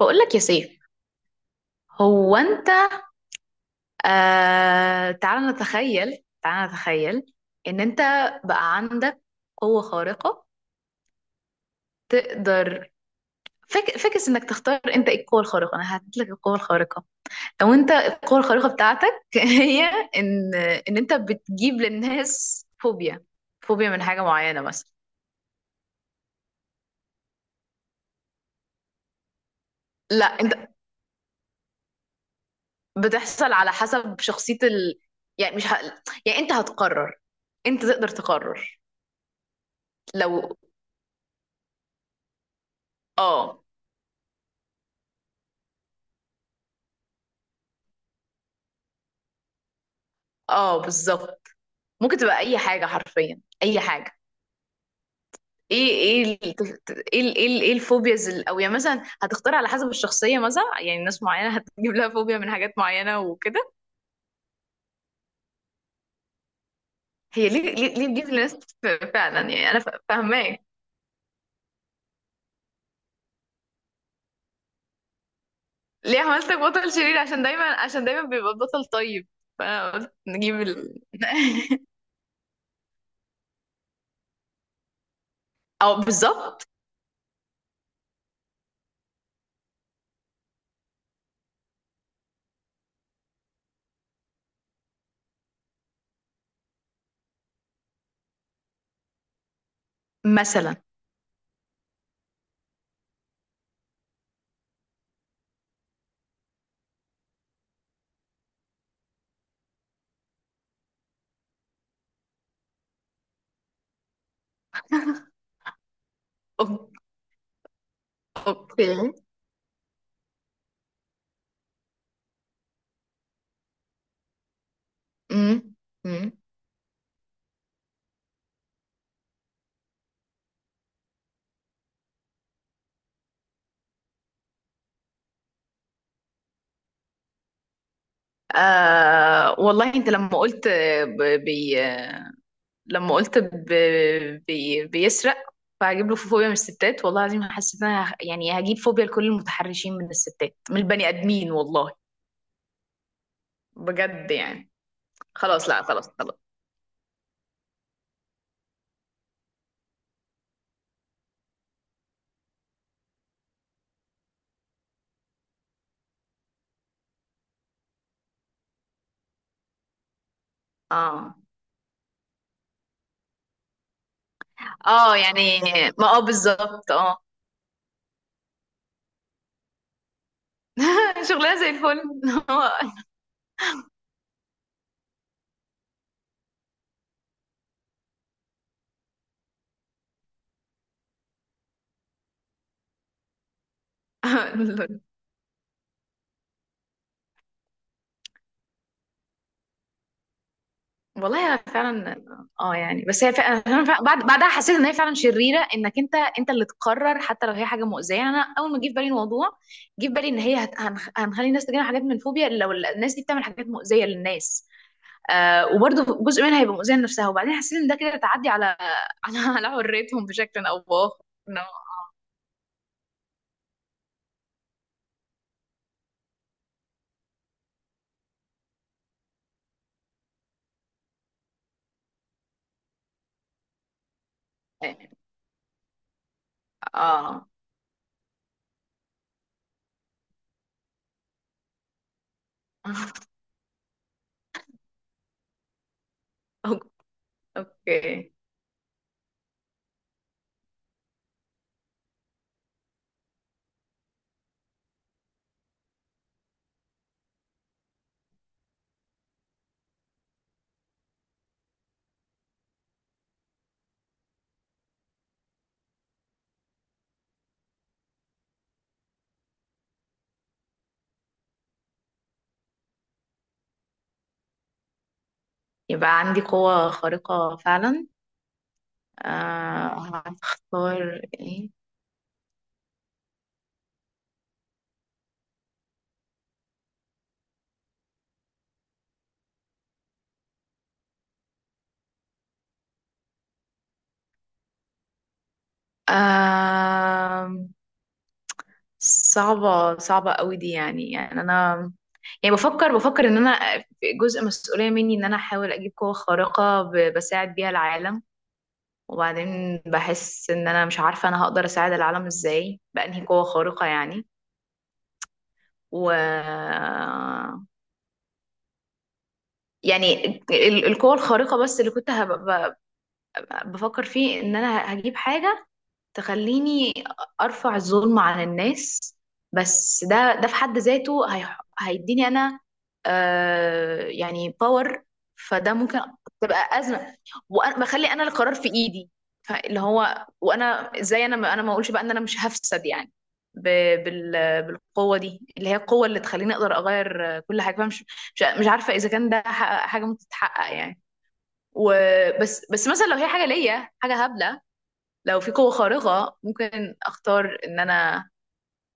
بقول لك يا سيف. هو انت آه تعال نتخيل، ان انت بقى عندك قوة خارقة تقدر فكس انك تختار انت ايه القوة الخارقة. انا هديت لك القوة الخارقة. لو انت القوة الخارقة بتاعتك هي ان ان انت بتجيب للناس فوبيا، فوبيا من حاجة معينة مثلا. لا انت بتحصل على حسب شخصية يعني مش ه... يعني انت هتقرر، انت تقدر تقرر. لو اه اه بالظبط. ممكن تبقى اي حاجه، حرفيا اي حاجه. ايه ايه ال- ايه إيه الفوبياز او يعني مثلا هتختار على حسب الشخصيه، مثلا يعني ناس معينه هتجيب لها فوبيا من حاجات معينه وكده. هي ليه ليه تجيب لناس؟ فعلا يعني انا فاهماك. ليه عملتك بطل شرير؟ عشان دايما، بيبقى بطل طيب، فانا قلت نجيب او بالظبط. مثلا. أوك- اوكي. امم امم والله انت لما قلت، ب- بي لما قلت بيسرق، فهجيب له فوبيا من الستات، والله العظيم حسيت ان انا يعني هجيب فوبيا لكل المتحرشين من الستات، من البني ادمين والله. بجد يعني. خلاص، لا خلاص خلاص. اه اه، يعني ما اه بالظبط اه. شغلها زي الفل. هو- والله انا فعلا اه، يعني بس هي فعلا، بعد بعدها حسيت ان هي فعلا شريره، انك انت اللي تقرر حتى لو هي حاجه مؤذيه. يعني انا اول ما جه في بالي الموضوع، جه في بالي ان هي هنخلي الناس تجينا حاجات من فوبيا لو الناس دي بتعمل حاجات مؤذيه للناس. آه وبرضه جزء منها هيبقى مؤذيه لنفسها، وبعدين حسيت ان ده كده تعدي على على حريتهم بشكل او باخر. إنه- اه أوك- اوكي. يبقى عندي قوه خارقه فعلا. هختار ايه؟ آم، صعبة، صعبة قوي دي يعني، يعني أنا، يعني بفكر، إن أنا في جزء مسؤولية مني إن أنا أحاول أجيب قوة خارقة بساعد بيها العالم. وبعدين بحس إن أنا مش عارفة أنا هقدر أساعد العالم إزاي بأنهي قوة خارقة يعني. و، يعني القوة الخارقة بس اللي كنت بفكر فيه إن أنا هجيب حاجة تخليني ارفع الظلم عن الناس. بس ده، في حد ذاته هيديني انا آه يعني باور. فده ممكن تبقى ازمه، وانا بخلي انا القرار في ايدي. فاللي هو، وانا ازاي انا ما اقولش بقى ان انا مش هفسد يعني بالقوه دي، اللي هي القوه اللي تخليني اقدر اغير كل حاجه. فمش، مش عارفه اذا كان ده حاجه ممكن تتحقق يعني. وبس، بس مثلا لو هي حاجه ليا، حاجه هبله، لو في قوة خارقة ممكن اختار ان انا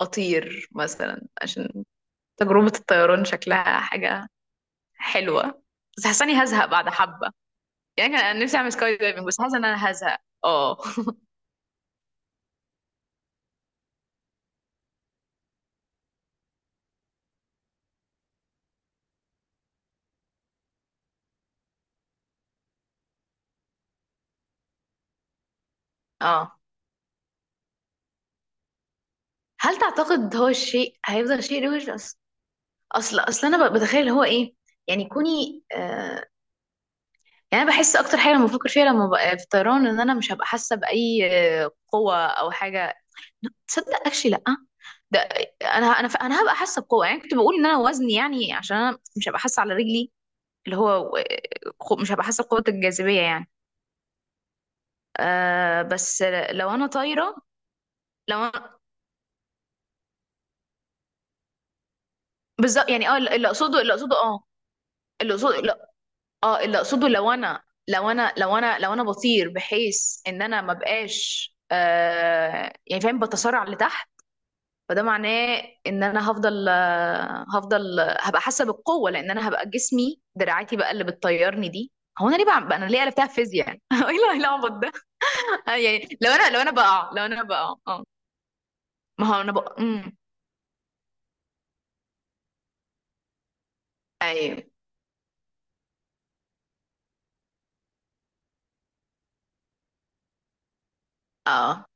اطير مثلا، عشان تجربة الطيران شكلها حاجة حلوة، بس حاسة اني هزهق بعد حبة. يعني كان انا نفسي اعمل سكاي دايفنج، بس حاسة ان انا هزهق. اه اه. هل تعتقد هو الشيء هيفضل شيء روش؟ اصل، انا بتخيل هو ايه، يعني كوني آه، يعني انا بحس اكتر حاجة لما بفكر فيها، لما ببقى في الطيران، ان انا مش هبقى حاسة بأي قوة او حاجة. تصدق اكشلي لا. ده انا، انا هبقى حاسه بقوه، يعني كنت بقول ان انا وزني، يعني عشان انا مش هبقى حاسه على رجلي، اللي هو مش هبقى حاسه بقوه الجاذبيه يعني. آه، بس لو انا طايره، لو انا بالظبط. يعني اه، اللي اقصده، لا، اه اللي اقصده، لو انا بطير بحيث ان انا ما بقاش آه، يعني فاهم، بتسارع لتحت، فده معناه ان انا هفضل آه، هبقى حاسه بالقوه، لان انا هبقى جسمي، دراعاتي بقى اللي بتطيرني دي. هو انا ليه بقى، بقى انا ليه قلبتها فيزياء يعني؟ إيه العبط ده؟ يعني لو انا، لو انا بقع اه، ما هو انا بقع. امم. ايوه اه.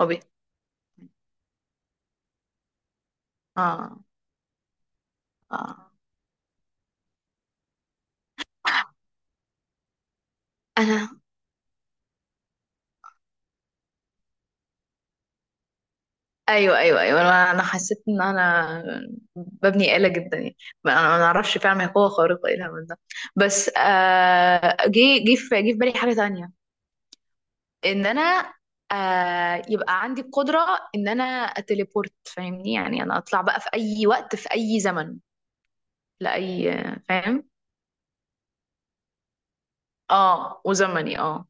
هوبي. اه اه انا. ايوه ايوه ايوه، انا حسيت ان انا ببني آلة جدا يعني. انا ما اعرفش فعلا هي قوه خارقه، ايه الهبل ده؟ بس آه، جه في بالي حاجه تانية، ان انا آه يبقى عندي القدره ان انا اتليبورت، فاهمني، يعني انا اطلع بقى في اي وقت، في اي زمن، لاي، فاهم؟ اه وزمني اه.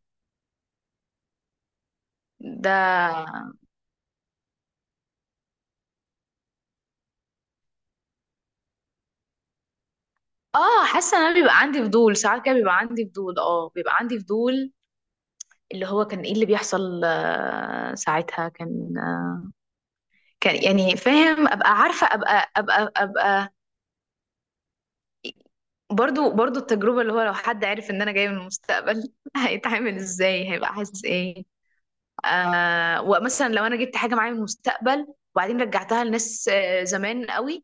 ده اه حاسه ان انا بيبقى عندي فضول ساعات كده، بيبقى عندي فضول اه، بيبقى عندي فضول اللي هو، كان ايه اللي بيحصل آه، ساعتها كان آه، كان يعني فاهم، ابقى عارفه، ابقى ابقى ابقى برضو، التجربه اللي هو لو حد عارف ان انا جايه من المستقبل هيتعامل ازاي، هيبقى حاسس ايه. آه ومثلا لو انا جبت حاجه معايا من المستقبل، وبعدين رجعتها لناس آه زمان قوي،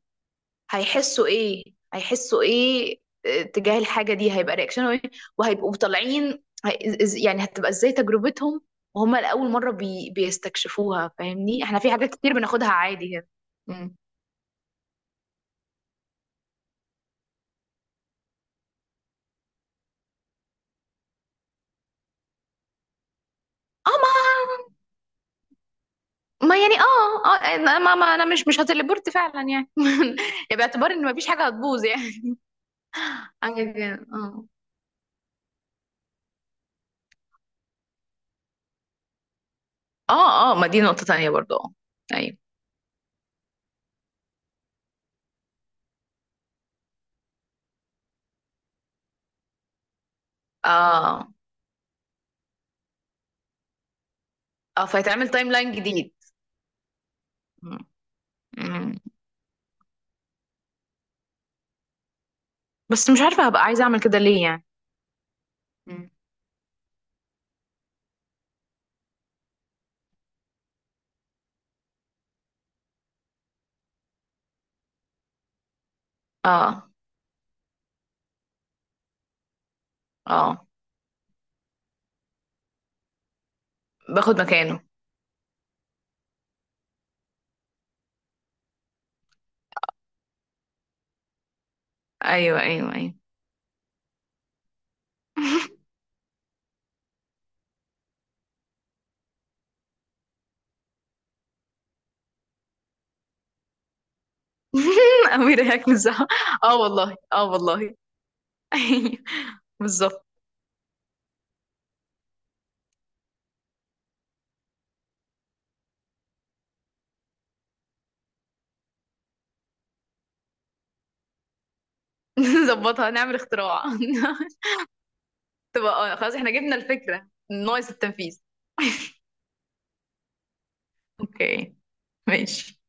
هيحسوا ايه؟ هيحسوا ايه آه، تجاه الحاجه دي هيبقى رياكشنهم ايه؟ وهيبقوا طالعين، يعني هتبقى ازاي تجربتهم وهم لاول مره بي بيستكشفوها؟ فاهمني، احنا في حاجات كتير بناخدها عادي كده. مم. اه، ما ما يعني اه اه، أنا- ما, ما انا مش هتليبورت فعلا يعني. يعني باعتبار ان مفيش حاجه هتبوظ يعني. حاجه كده اه، اه اه، ما دي نقطه تانية برضو اه. ايوه اه اه، فيتعمل تايم لاين جديد. مم. مم. بس مش عارفة هبقى عايزة اعمل كده ليه يعني. مم. اه اه، باخد مكانه. ايوه ايوه ايوه. امير هيك مزح. اه والله، اه والله. ايوه بالظبط. نظبطها نعمل اختراع. تبقى آه، خلاص احنا جبنا الفكرة ناقص التنفيذ. اوكي، ماشي.